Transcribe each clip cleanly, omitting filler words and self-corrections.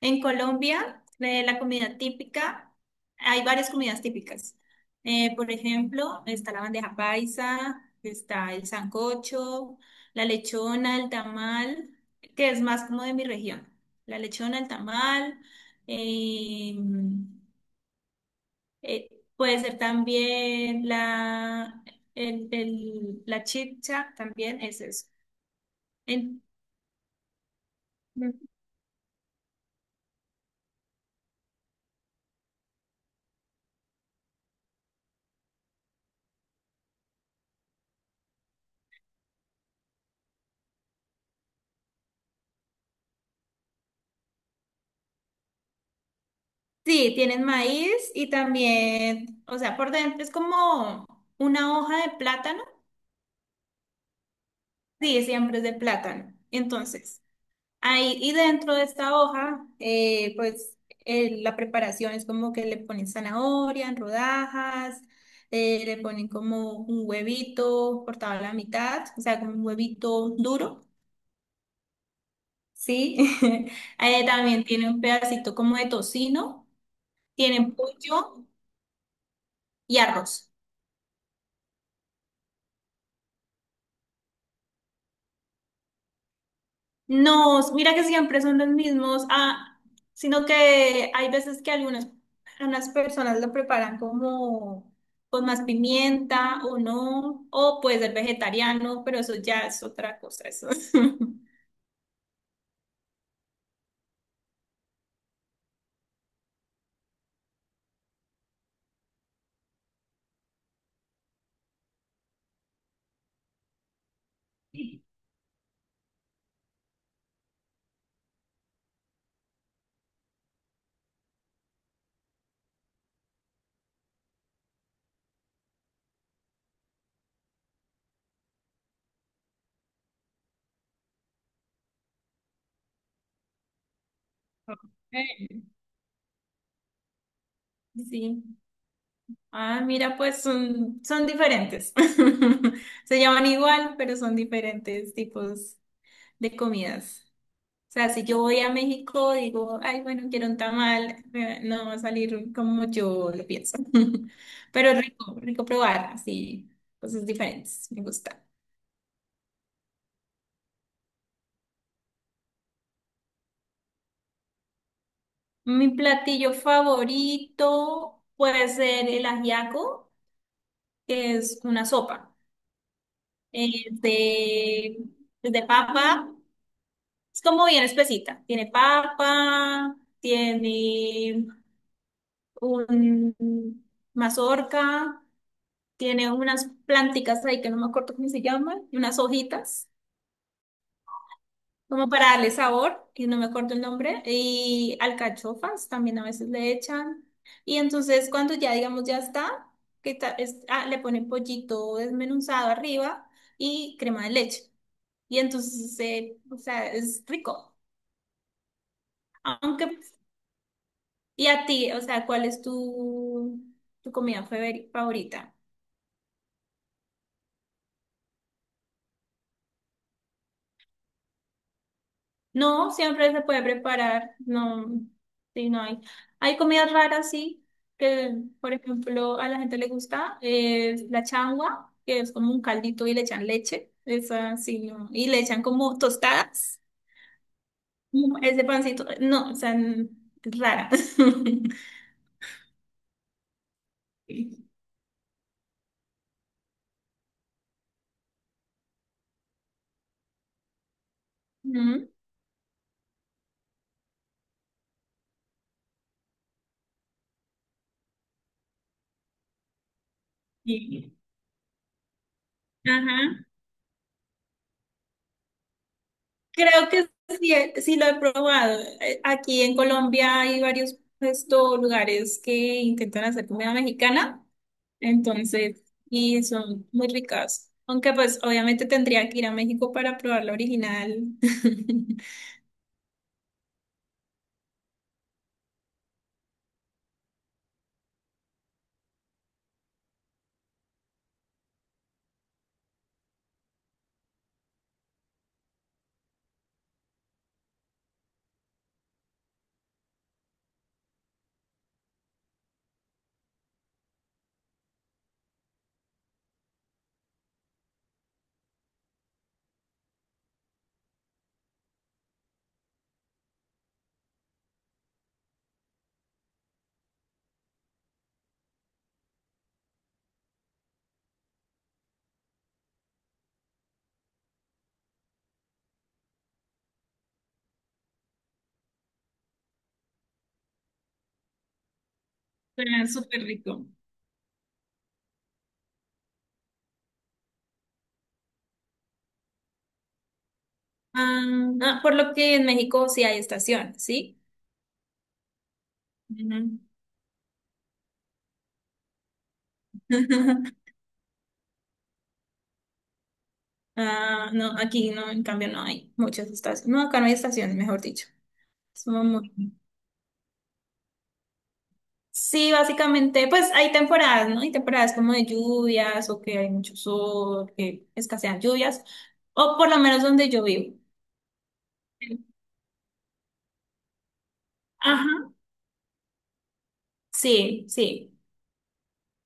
En Colombia, la comida típica. Hay varias comidas típicas. Por ejemplo, está la bandeja paisa, está el sancocho, la lechona, el tamal, que es más como de mi región. La lechona, el tamal, eh, eh, puede ser también la chicha, también es eso. En- Sí, tienen maíz y también, o sea, por dentro es como una hoja de plátano. Sí, siempre es de plátano. Entonces, ahí y dentro de esta hoja, la preparación es como que le ponen zanahoria en rodajas, le ponen como un huevito cortado a la mitad, o sea, como un huevito duro, ¿sí? También tiene un pedacito como de tocino, tienen pollo y arroz. No, mira que siempre son los mismos, sino que hay veces que algunas personas lo preparan como con más pimienta o no, o puede ser vegetariano, pero eso ya es otra cosa, eso. Ok. Sí. Ah, mira, pues son diferentes. Se llaman igual, pero son diferentes tipos de comidas. Sea, si yo voy a México, digo, ay, bueno, quiero un tamal, no va a salir como yo lo pienso. Pero es rico probar, así, cosas diferentes, me gusta. Mi platillo favorito puede ser el ajiaco, que es una sopa eh, de, de papa. Es como bien espesita. Tiene papa, tiene un mazorca. Tiene unas plánticas ahí que no me acuerdo cómo se llaman, y unas hojitas, como para darle sabor, y no me acuerdo el nombre, y alcachofas también a veces le echan. Y entonces cuando ya, digamos, ya está, que ta- es- ah, le ponen pollito desmenuzado arriba y crema de leche. Y entonces, o sea, es rico. Aunque, y a ti, o sea, tu favorita? No, siempre se puede preparar. No, sí, no hay. Hay comidas raras, sí, que por ejemplo a la gente le gusta. Es la changua, que es como un caldito y le echan leche. Esa sí, no. Y le echan como tostadas. Mm, ese pancito. No, o sea, rara. Mm, sí. Ajá. Creo que sí, sí lo he probado. Aquí en Colombia hay varios estos lugares que intentan hacer comida mexicana. Entonces, y son muy ricas. Aunque pues obviamente tendría que ir a México para probar la original. Suena súper rico. Por lo que en México sí hay estación, ¿sí? Ujú. Ah, no, aquí no, en cambio no hay muchas estaciones. No, acá no hay estaciones, mejor dicho. Somos muy- Sí, básicamente, pues hay temporadas, ¿no? Hay temporadas como de lluvias o que hay mucho sol, que escasean lluvias, o por lo menos donde yo vivo. Ajá. Sí, sí,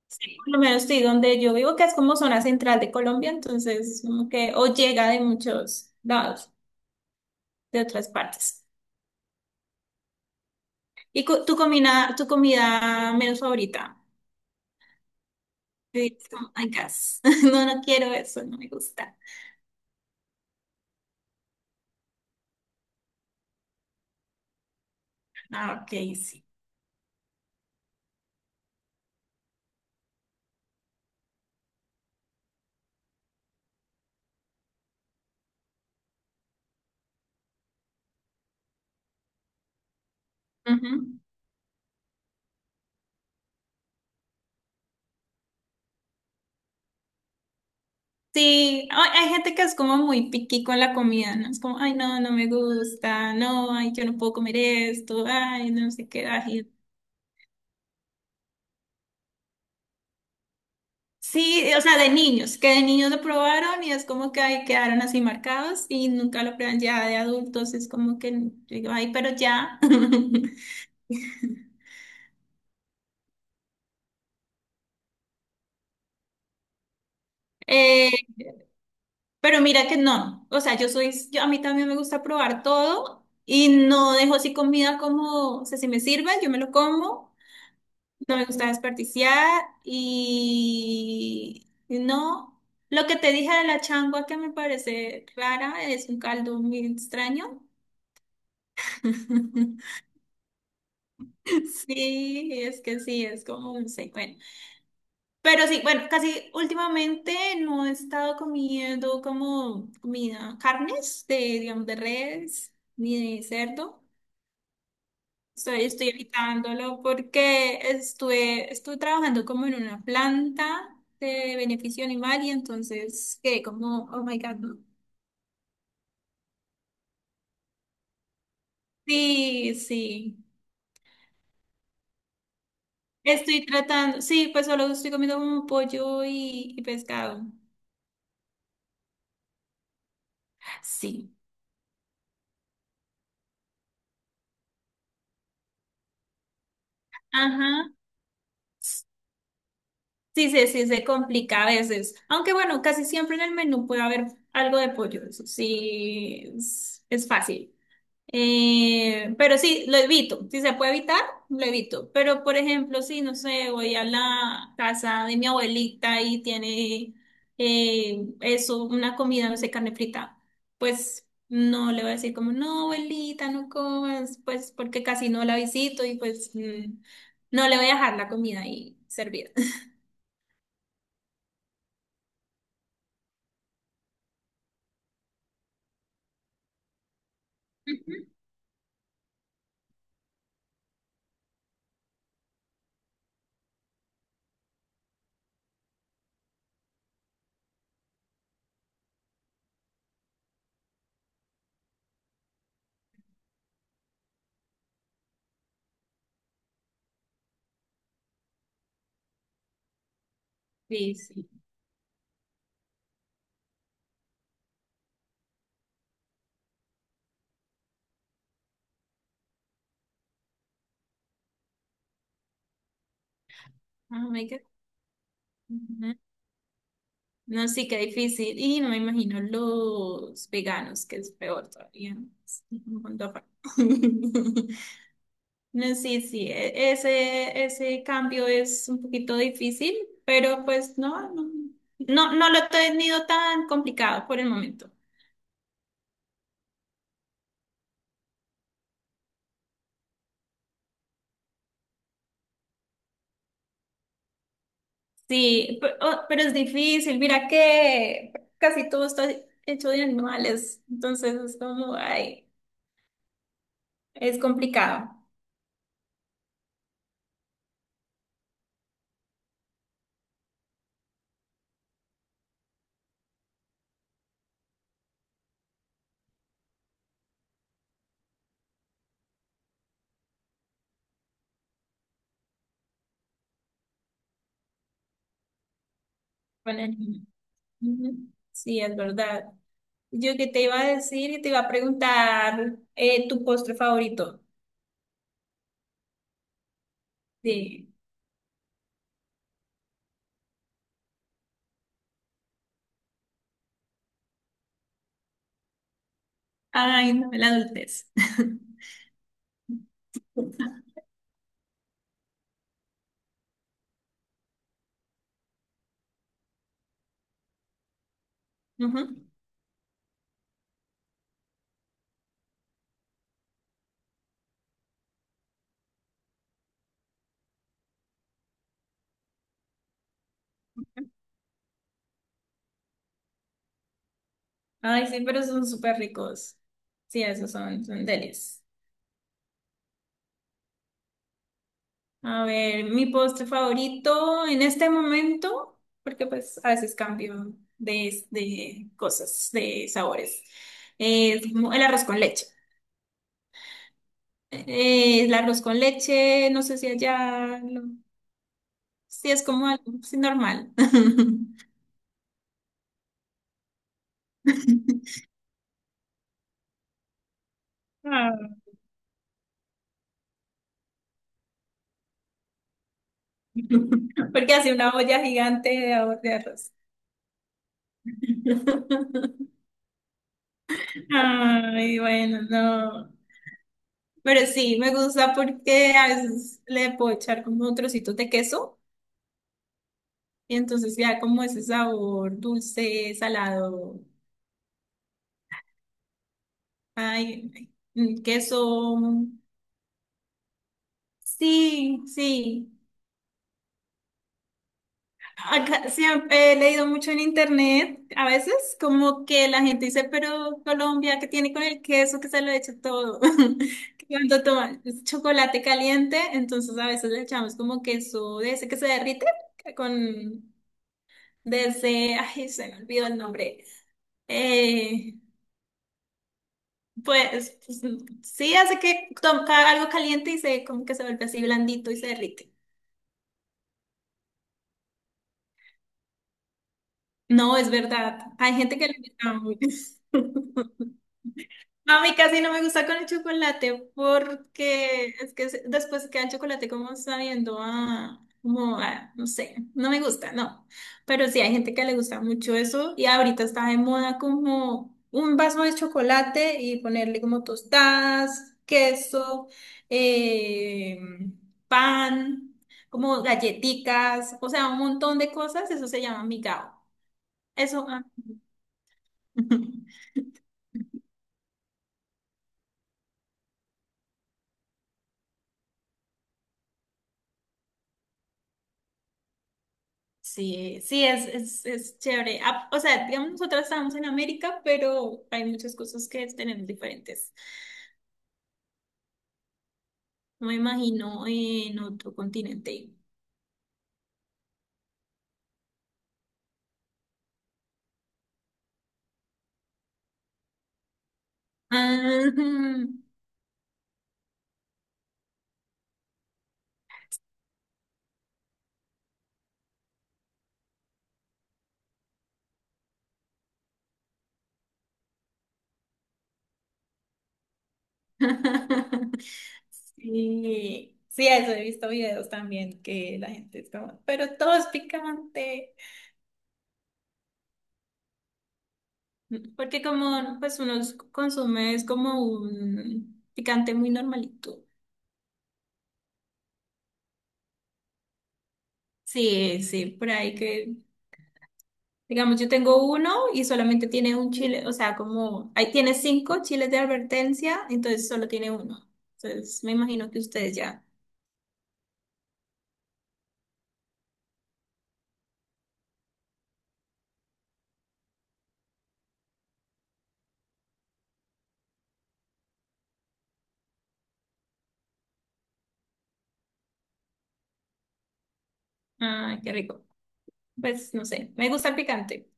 sí, por lo menos estoy donde yo vivo, que es como zona central de Colombia, entonces como que o llega de muchos lados, de otras partes. ¿Y tu tu comida menos favorita? Yo digo, "Oh my No, no quiero eso, no me gusta. Ah, ok, sí. Ujú. Sí, hay gente que es como muy picky con la comida, ¿no? Es como, ay, no, no me gusta, no, ay, yo no puedo comer esto, ay, no sé qué, ay. Sí, o sea, de niños, que de niños lo probaron y es como que ahí quedaron así marcados y nunca lo prueban ya de adultos, es como que yo digo, ay, pero ya. Eh, pero mira que no, o sea, a mí también me gusta probar todo y no dejo así comida como, o sea, si me sirve, yo me lo como, no me gusta desperdiciar y no, lo que te dije de la changua que me parece rara es un caldo muy extraño. Sí, es que sí, es como, no sé, bueno. Pero sí, bueno, casi últimamente no he estado comiendo como comida, carnes de, digamos, de res ni de cerdo. Estoy evitándolo porque estuve trabajando como en una planta de beneficio animal y entonces quedé como, oh my God, no. Sí, sí. Estoy tratando, sí, pues solo estoy comiendo como pollo y pescado. Sí. Ajá. Sí, se complica a veces. Aunque bueno, casi siempre en el menú puede haber algo de pollo. Eso sí, es fácil. Pero sí, lo evito. Si se puede evitar, lo evito. Pero por ejemplo, si no sé, voy a la casa de mi abuelita y tiene eso, una comida, no sé, carne frita, pues no le voy a decir como, no, abuelita, no comas, pues porque casi no la visito y pues mm, no le voy a dejar la comida ahí servida. Difícil. Oh my God. Ujú. No, sí, qué difícil. Y no me imagino los veganos, que es peor todavía. Es un mundo aparte. No, sí, sí. Ese cambio es un poquito difícil, pero pues no lo he tenido tan complicado por el momento. Sí, oh, pero es difícil. Mira que casi todo está hecho de animales. Entonces es como, ay, es complicado. Bueno, ujú. Sí, es verdad. Yo que te iba a decir y te iba a preguntar tu postre favorito de... Ay, no, la adultez. Ujú. Ay, sí, pero son súper ricos. Sí, son delis. A ver, mi postre favorito en este momento, porque pues a veces cambio de cosas, de sabores, es como el arroz con leche. El arroz con leche, no sé si allá lo... Sí, es como algo sí, normal. Ah, porque hace una olla gigante de arroz. Ay, bueno, no. Pero sí, me gusta porque a veces le puedo echar como trocitos de queso y entonces ya como ese sabor dulce, salado. Queso. Sí, sí. Acá siempre he leído mucho en internet, a veces como que la gente dice, pero Colombia, ¿qué tiene con el queso que se lo echa todo? Que cuando toman chocolate caliente, entonces a veces le echamos como queso de ese que se derrite, que con, de ese, ay, se me olvidó el nombre. Eh, pues, sí, hace que toca algo caliente y se como que se vuelve así blandito y se derrite. No, es verdad, hay gente que le gusta mucho. No, a mí casi no me gusta con el chocolate porque es que después queda el chocolate como sabiendo a, como a, no sé, no me gusta, no. Pero sí hay gente que le gusta mucho eso y ahorita está de moda como un vaso de chocolate y ponerle como tostadas, queso, eh, pan, como galletitas, o sea, un montón de cosas, eso se llama migao. Eso, ah. Es chévere. Ah, o sea, digamos, nosotras estamos en América, pero hay muchas cosas que tenemos diferentes. No me imagino en otro continente. Ah, Sí, sí, eso he visto videos también que la gente es como, pero todo es picante. Porque como pues consume es como un picante muy normalito. Sí, sí, por ahí que digamos, yo tengo uno y solamente tiene un chile, o sea, como ahí tiene 5 chiles de advertencia, entonces solo tiene uno. Entonces, me imagino que ustedes ya. Ah, qué rico. Pues no sé, me gusta el picante.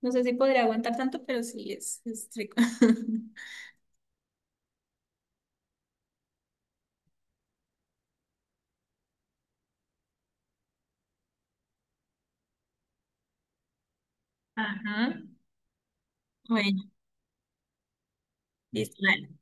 No sé si podría aguantar tanto, pero sí, es rico. Ajá. Bueno, listo.